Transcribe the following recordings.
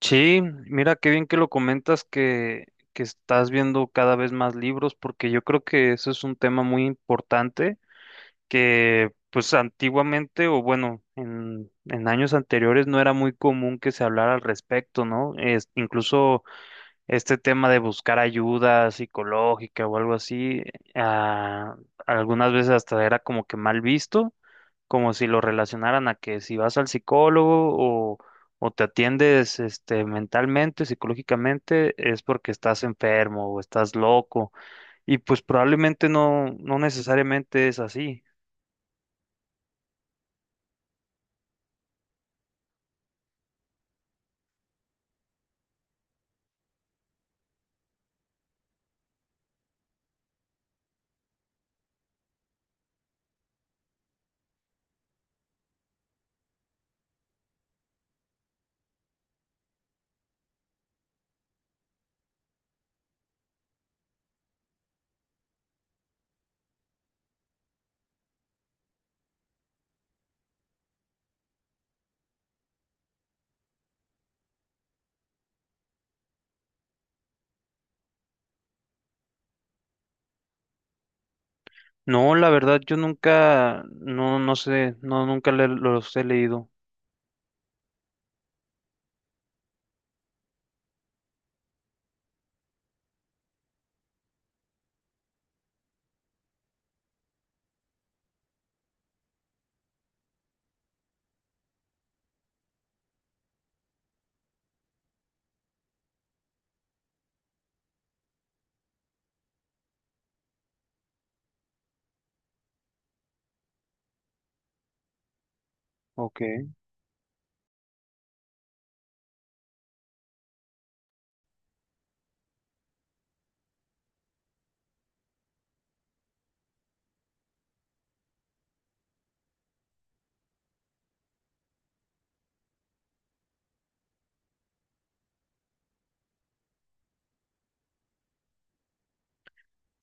Sí, mira qué bien que lo comentas que estás viendo cada vez más libros, porque yo creo que eso es un tema muy importante que pues antiguamente o bueno, en años anteriores no era muy común que se hablara al respecto, ¿no? Es, incluso este tema de buscar ayuda psicológica o algo así, ah, algunas veces hasta era como que mal visto, como si lo relacionaran a que si vas al psicólogo o, o te atiendes este, mentalmente, psicológicamente, es porque estás enfermo o estás loco. Y pues probablemente no necesariamente es así. No, la verdad, yo nunca, no, no sé, no, nunca le- los he leído. Ok.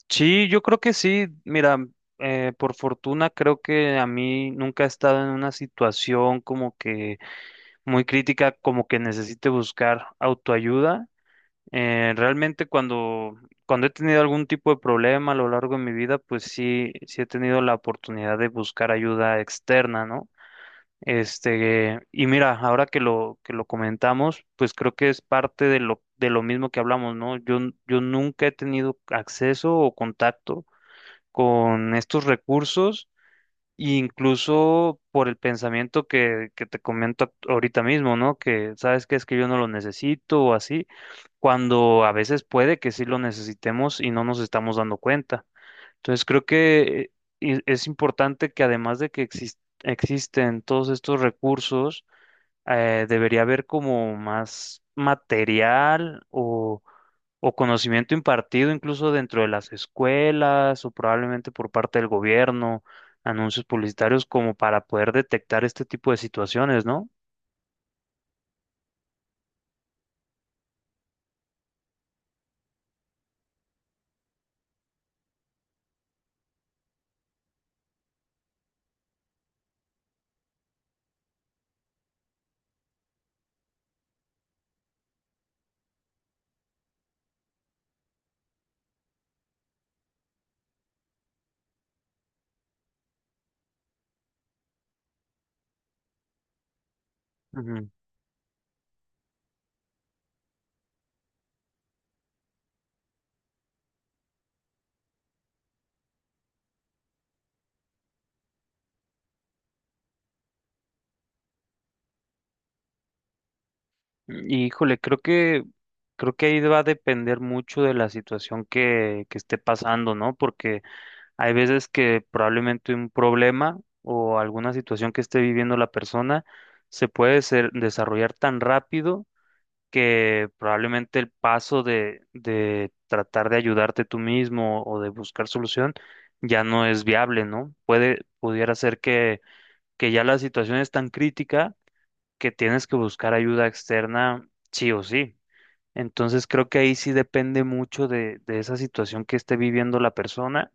Sí, yo creo que sí. Mira, por fortuna creo que a mí nunca he estado en una situación como que muy crítica, como que necesite buscar autoayuda. Realmente cuando he tenido algún tipo de problema a lo largo de mi vida, pues sí, sí he tenido la oportunidad de buscar ayuda externa, ¿no? Este, y mira, ahora que que lo comentamos, pues creo que es parte de de lo mismo que hablamos, ¿no? Yo nunca he tenido acceso o contacto con estos recursos, e incluso por el pensamiento que te ahorita mismo, ¿no? Que sabes que es que yo no lo necesito o así, cuando a veces puede que sí lo necesitemos y no nos estamos dando cuenta. Entonces creo que es importante que además de que existen todos estos recursos, debería haber como más material o conocimiento impartido incluso dentro de las escuelas o probablemente por parte del gobierno, anuncios publicitarios como para poder detectar este tipo de situaciones, ¿no? Ujú. Y, híjole, creo que ahí va a depender mucho de la situación que esté pasando, ¿no? Porque hay veces que probablemente un problema o alguna situación que esté viviendo la persona se puede desarrollar tan rápido que probablemente el paso de tratar de ayudarte tú mismo o de buscar solución ya no es viable, ¿no? Puede, pudiera ser que ya la situación es tan crítica que tienes que buscar ayuda externa sí o sí. Entonces creo que ahí sí depende mucho de esa situación que esté viviendo la persona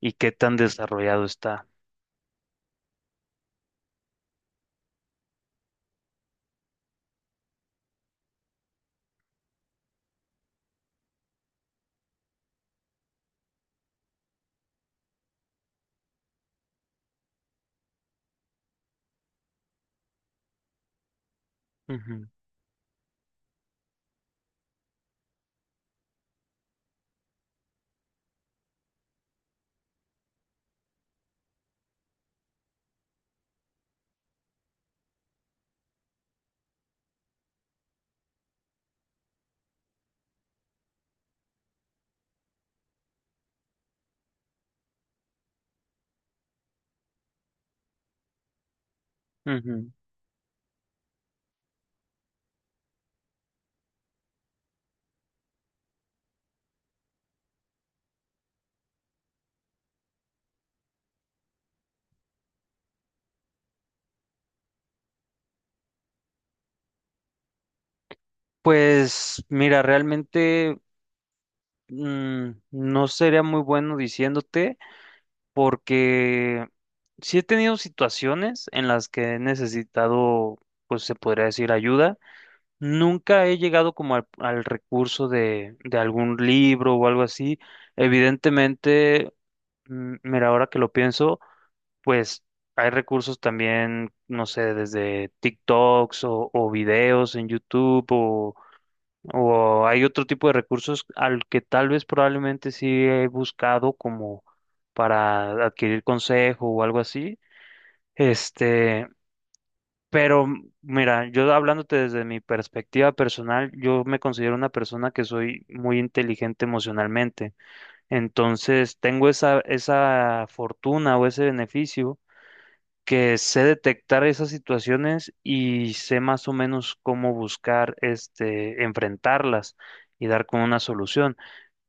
y qué tan desarrollado está. Ujú, ujú. Pues mira, realmente no sería muy bueno diciéndote, porque sí he tenido situaciones en las que he necesitado, pues se podría decir, ayuda. Nunca he llegado como al recurso de algún libro o algo así. Evidentemente, mira, ahora que lo pienso, pues hay recursos también, no sé, desde TikToks o videos en YouTube o hay otro tipo de recursos al que tal vez probablemente sí he buscado como para adquirir consejo o algo así. Este, pero mira, yo hablándote desde mi perspectiva personal, yo me considero una persona que soy muy inteligente emocionalmente. Entonces, tengo esa fortuna o ese beneficio que sé detectar esas situaciones y sé más o menos cómo buscar, este, enfrentarlas y dar con una solución.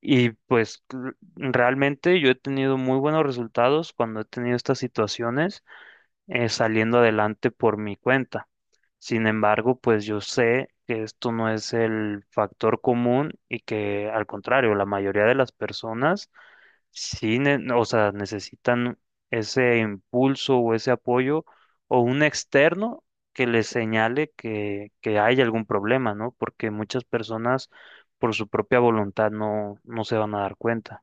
Y pues realmente yo he tenido muy buenos resultados cuando he tenido estas situaciones saliendo adelante por mi cuenta. Sin embargo, pues yo sé que esto no es el factor común y que al contrario, la mayoría de las personas sí, o sea, necesitan ese impulso o ese apoyo o un externo que les señale que hay algún problema, ¿no? Porque muchas personas por su propia voluntad no se van a dar cuenta.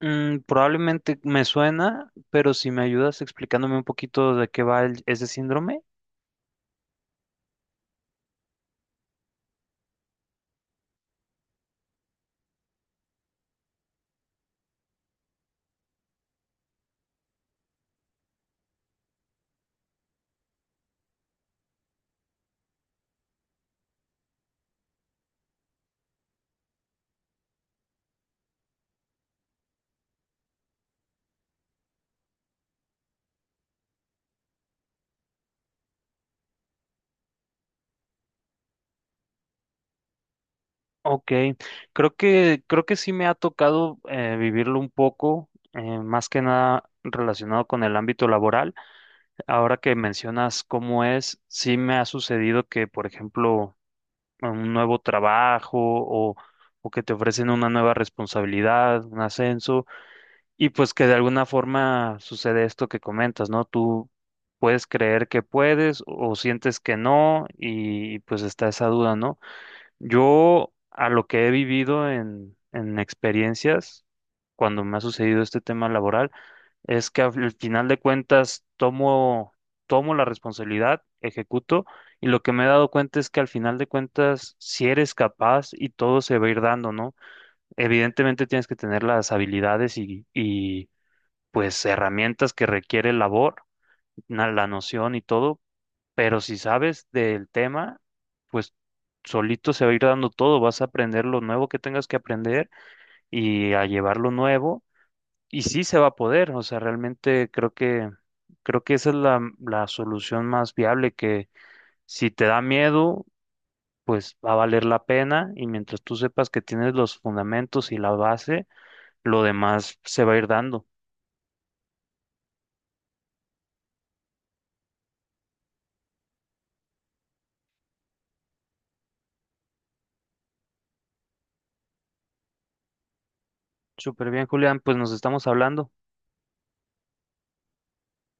Mm, probablemente me suena, pero si me ayudas explicándome un poquito de qué va ese síndrome. Ok, creo creo que sí me ha tocado vivirlo un poco, más que nada relacionado con el ámbito laboral. Ahora que mencionas cómo es, sí me ha sucedido que, por ejemplo, en un nuevo trabajo o que te ofrecen una nueva responsabilidad, un ascenso, y pues que de alguna forma sucede esto que comentas, ¿no? Tú puedes creer que puedes o sientes que no y pues está esa duda, ¿no? Yo, a lo que he vivido en experiencias, cuando me ha sucedido este tema laboral, es que al final de cuentas tomo la responsabilidad, ejecuto, y lo que me he dado cuenta es que al final de cuentas, si eres capaz y todo se va a ir dando, ¿no? Evidentemente tienes que tener las habilidades y pues herramientas que requiere el labor, la noción y todo, pero si sabes del tema, pues solito se va a ir dando todo, vas a aprender lo nuevo que tengas que aprender y a llevar lo nuevo y sí se va a poder, o sea, realmente creo que esa es la solución más viable que si te da miedo, pues va a valer la pena y mientras tú sepas que tienes los fundamentos y la base, lo demás se va a ir dando. Súper bien, Julián, pues nos estamos hablando.